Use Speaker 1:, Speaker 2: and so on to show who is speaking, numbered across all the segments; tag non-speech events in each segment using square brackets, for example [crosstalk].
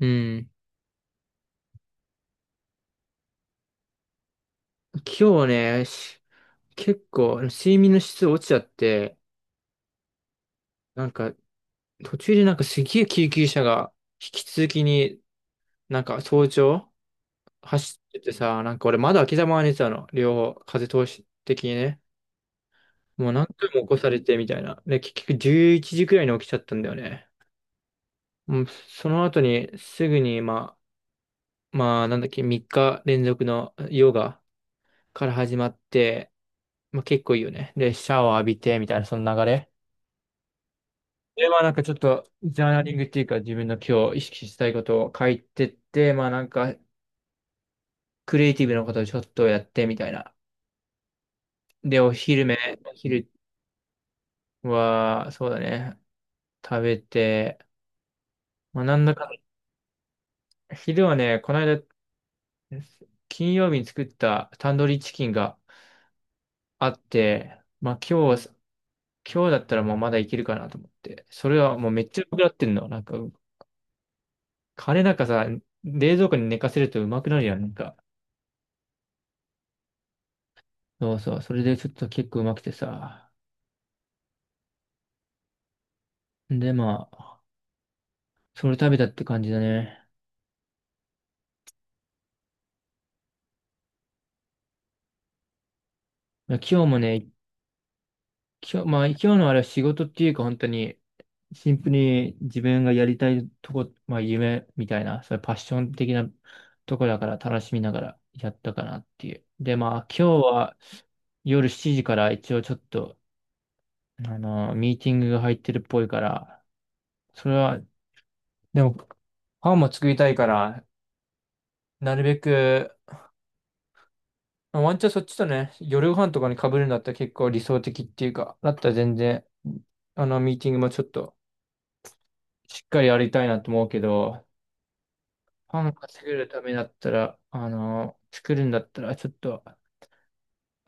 Speaker 1: うん。今日ね、結構睡眠の質落ちちゃって、なんか途中でなんかすげえ救急車が引き続きに早朝走っててさ、なんか俺窓開けたまま寝てたの。両方風通し的にね。もう何回も起こされてみたいな。で、結局11時くらいに起きちゃったんだよね。もうその後にすぐにまあなんだっけ、3日連続のヨガから始まって、まあ結構いいよね。で、シャワー浴びてみたいなその流れ。で、まあなんかちょっと、ジャーナリングっていうか自分の今日意識したいことを書いてって、まあなんか、クリエイティブなことをちょっとやってみたいな。で、お昼は、そうだね、食べて、まあなんだか、昼はね、この間、金曜日に作ったタンドリーチキンがあって、まあ今日だったらもうまだいけるかなと思って、それはもうめっちゃうまくなってんの。なんか、カレーなんかさ、冷蔵庫に寝かせるとうまくなるやん、なんか。そうそう。それでちょっと結構うまくてさ。で、まあ、それ食べたって感じだね。まあ今日もね、今日、まあ今日のあれは仕事っていうか本当に、シンプルに自分がやりたいとこ、まあ夢みたいな、それパッション的なとこだから楽しみながらやったかなっていう。で、まあ今日は夜7時から一応ちょっと、ミーティングが入ってるっぽいから、それは、でも、パンも作りたいから、なるべくまあワンチャンそっちとね、夜ご飯とかに被るんだったら結構理想的っていうか、だったら全然、ミーティングもちょっとしっかりやりたいなと思うけど、パン稼げるためだったら、作るんだったらちょっと、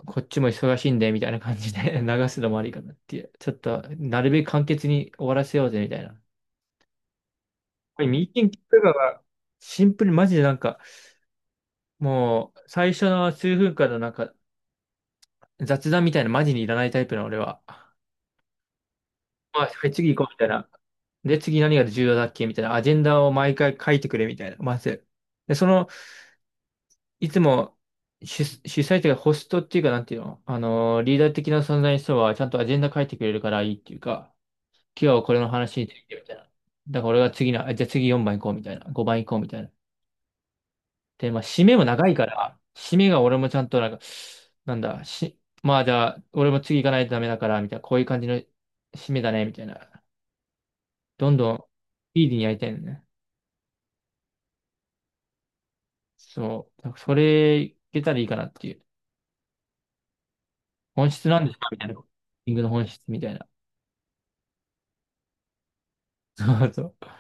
Speaker 1: こっちも忙しいんで、みたいな感じで [laughs] 流すのもありかなっていう。ちょっと、なるべく簡潔に終わらせようぜ、みたいな。これミーティングとかが、シンプルにマジでなんか、もう、最初の数分間のなんか、雑談みたいなマジにいらないタイプの俺は。まあ、はい次行こうみたいな。で、次何が重要だっけみたいな。アジェンダを毎回書いてくれみたいな。まず。で、その、いつも主催というか、ホストっていうか、なんていうのリーダー的な存在の人は、ちゃんとアジェンダ書いてくれるからいいっていうか、今日はこれの話についてみたいな。だから俺が次の、あじゃあ次4番行こうみたいな。5番行こうみたいな。で、まあ、締めも長いから、締めが俺もちゃんとなんか、なんだ、し、まあじゃあ、俺も次行かないとダメだから、みたいな、こういう感じの締めだね、みたいな。どんどんスピーディーにやりたいのね。そう。だからそれ、いけたらいいかなっていう。本質なんですかみたいな。リングの本質みたいな。そうそう。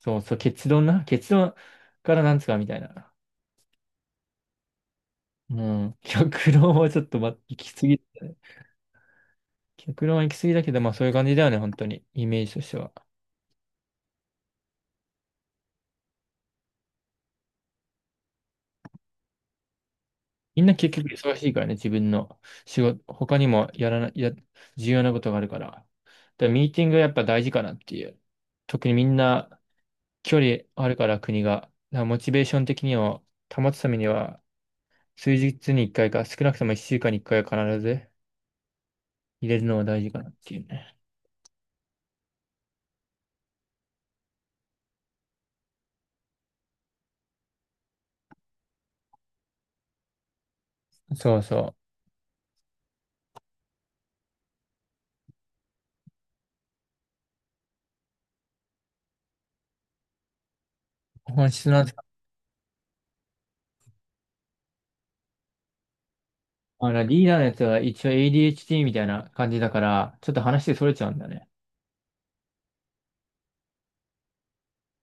Speaker 1: そうそう。結論な。結論からなんですかみたいな。うん。極論はちょっと、行き過ぎだね。極論は行き過ぎだけど、まあそういう感じだよね。本当に。イメージとしては。みんな結局忙しいからね。自分の仕事、他にもやらな、や、重要なことがあるから。だからミーティングはやっぱ大事かなっていう。特にみんな、距離あるから国が。だからモチベーション的に保つためには、数日に一回かいか、少なくとも一週間に一回は必ず入れるのが大事かなっていうね。そうそう。本質なんですか。リーダーのやつは一応 ADHD みたいな感じだから、ちょっと話でそれちゃうんだよね。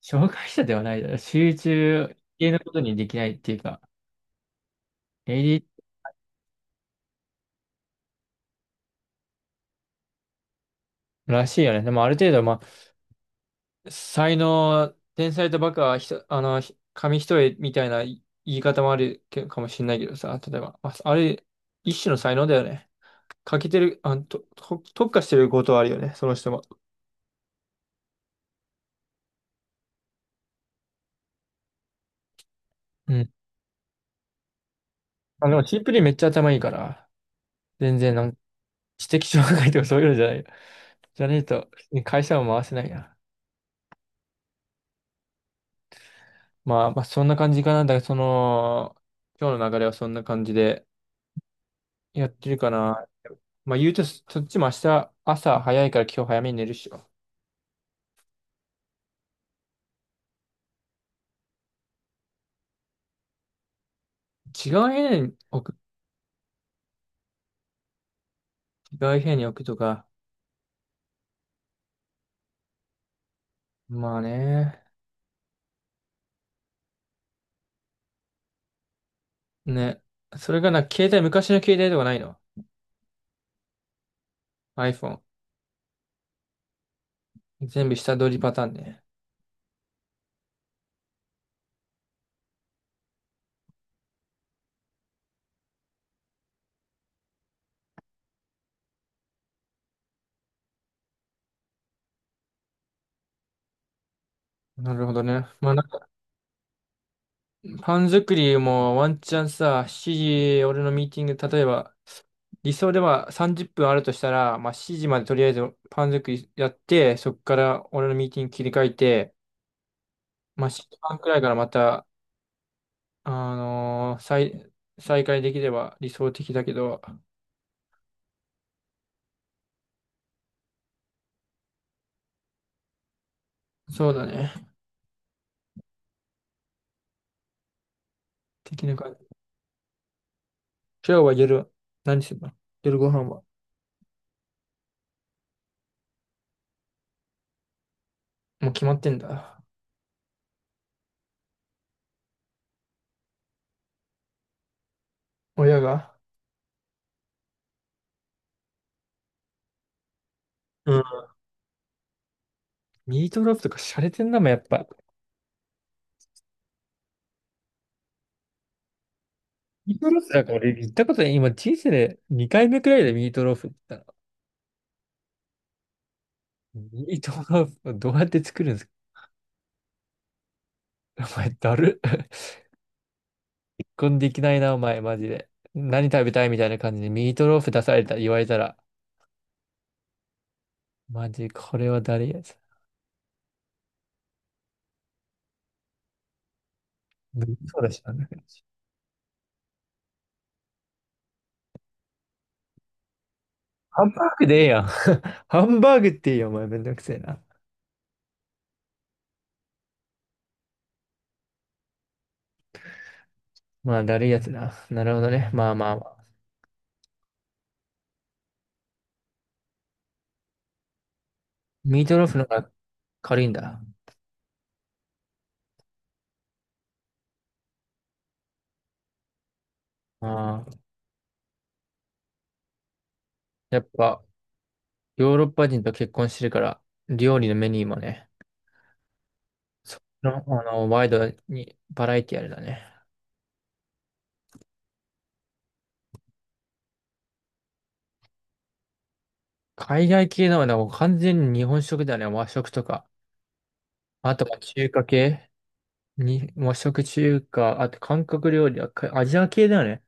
Speaker 1: 障害者ではないだろ。集中系のことにできないっていうか、AD らしいよね。でもある程度、まあ才能、天才とバカはひと、あの、ひ紙一重みたいな言い方もあるけかもしれないけどさ、例えば、まあ、あれ、一種の才能だよね。欠けてる、あの、と、と特化してることはあるよね、その人も。うん。あ、でもシンプルにめっちゃ頭いいから、全然なんか知的障害とかそういうのじゃないよ。じゃねえと、会社は回せないな。まあ、そんな感じかな。だから、その、今日の流れはそんな感じでやってるかな。まあ、言うと、そっちも明日、朝早いから今日早めに寝るっしょ。違う部屋に置く、違う部屋に置くとか。まあね。ね。それがな、昔の携帯とかないの？ iPhone。全部下取りパターンね。なるほどね。まあなんか、パン作りもワンチャンさ、7時、俺のミーティング、例えば、理想では30分あるとしたら、まあ7時までとりあえずパン作りやって、そこから俺のミーティング切り替えて、まあ7時半くらいからまた、あのー再、再開できれば理想的だけど、そうだね。的な感じ今日は夜、何するの夜ご飯は。もう決まってんだ。親が。うん。ミートローフとか洒落てんなもん、やっぱ。ミートローフなんか俺言ったことない。今人生で2回目くらいでミートローフって言ったの。ミートローフをどうやって作るんですかお前、だる。[laughs] こんできないな、お前、マジで。何食べたいみたいな感じでミートローフ出された、言われたら。マジ、これは誰やつ。無理そうだしな、なんかハンバーグでええやん。[laughs] ハンバーグっていいよ、お前、めんどくせえな。まあ、だるいやつな。なるほどね。まあまあまあ。ミートローフの方が軽いんだ。ああ。やっぱ、ヨーロッパ人と結婚してるから、料理のメニューもね、その、あの、ワイドにバラエティあるだね。海外系のはね、もう完全に日本食だよね。和食とか。あとは中華系に、和食中華、あと韓国料理はアジア系だよね。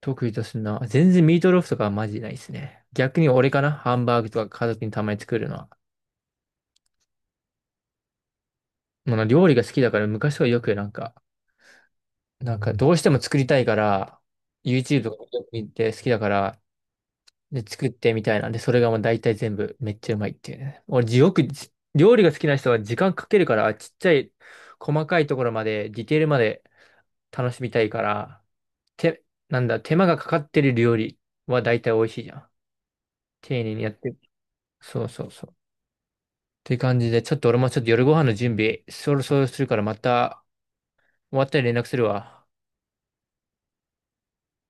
Speaker 1: 得意とすんな。全然ミートローフとかはマジでないですね。逆に俺かなハンバーグとか家族にたまに作るのは。もうな料理が好きだから昔はよくなんか、なんかどうしても作りたいから、YouTube とか見て好きだから、で、作ってみたいなで、それがもう大体全部めっちゃうまいっていうね。俺、よくじ料理が好きな人は時間かけるから、ちっちゃい細かいところまで、ディテールまで楽しみたいから、手、なんだ、手間がかかってる料理は大体美味しいじゃん。丁寧にやってる。そうそうそう。っていう感じで、ちょっと俺もちょっと夜ご飯の準備、そろそろするからまた終わったら連絡するわ。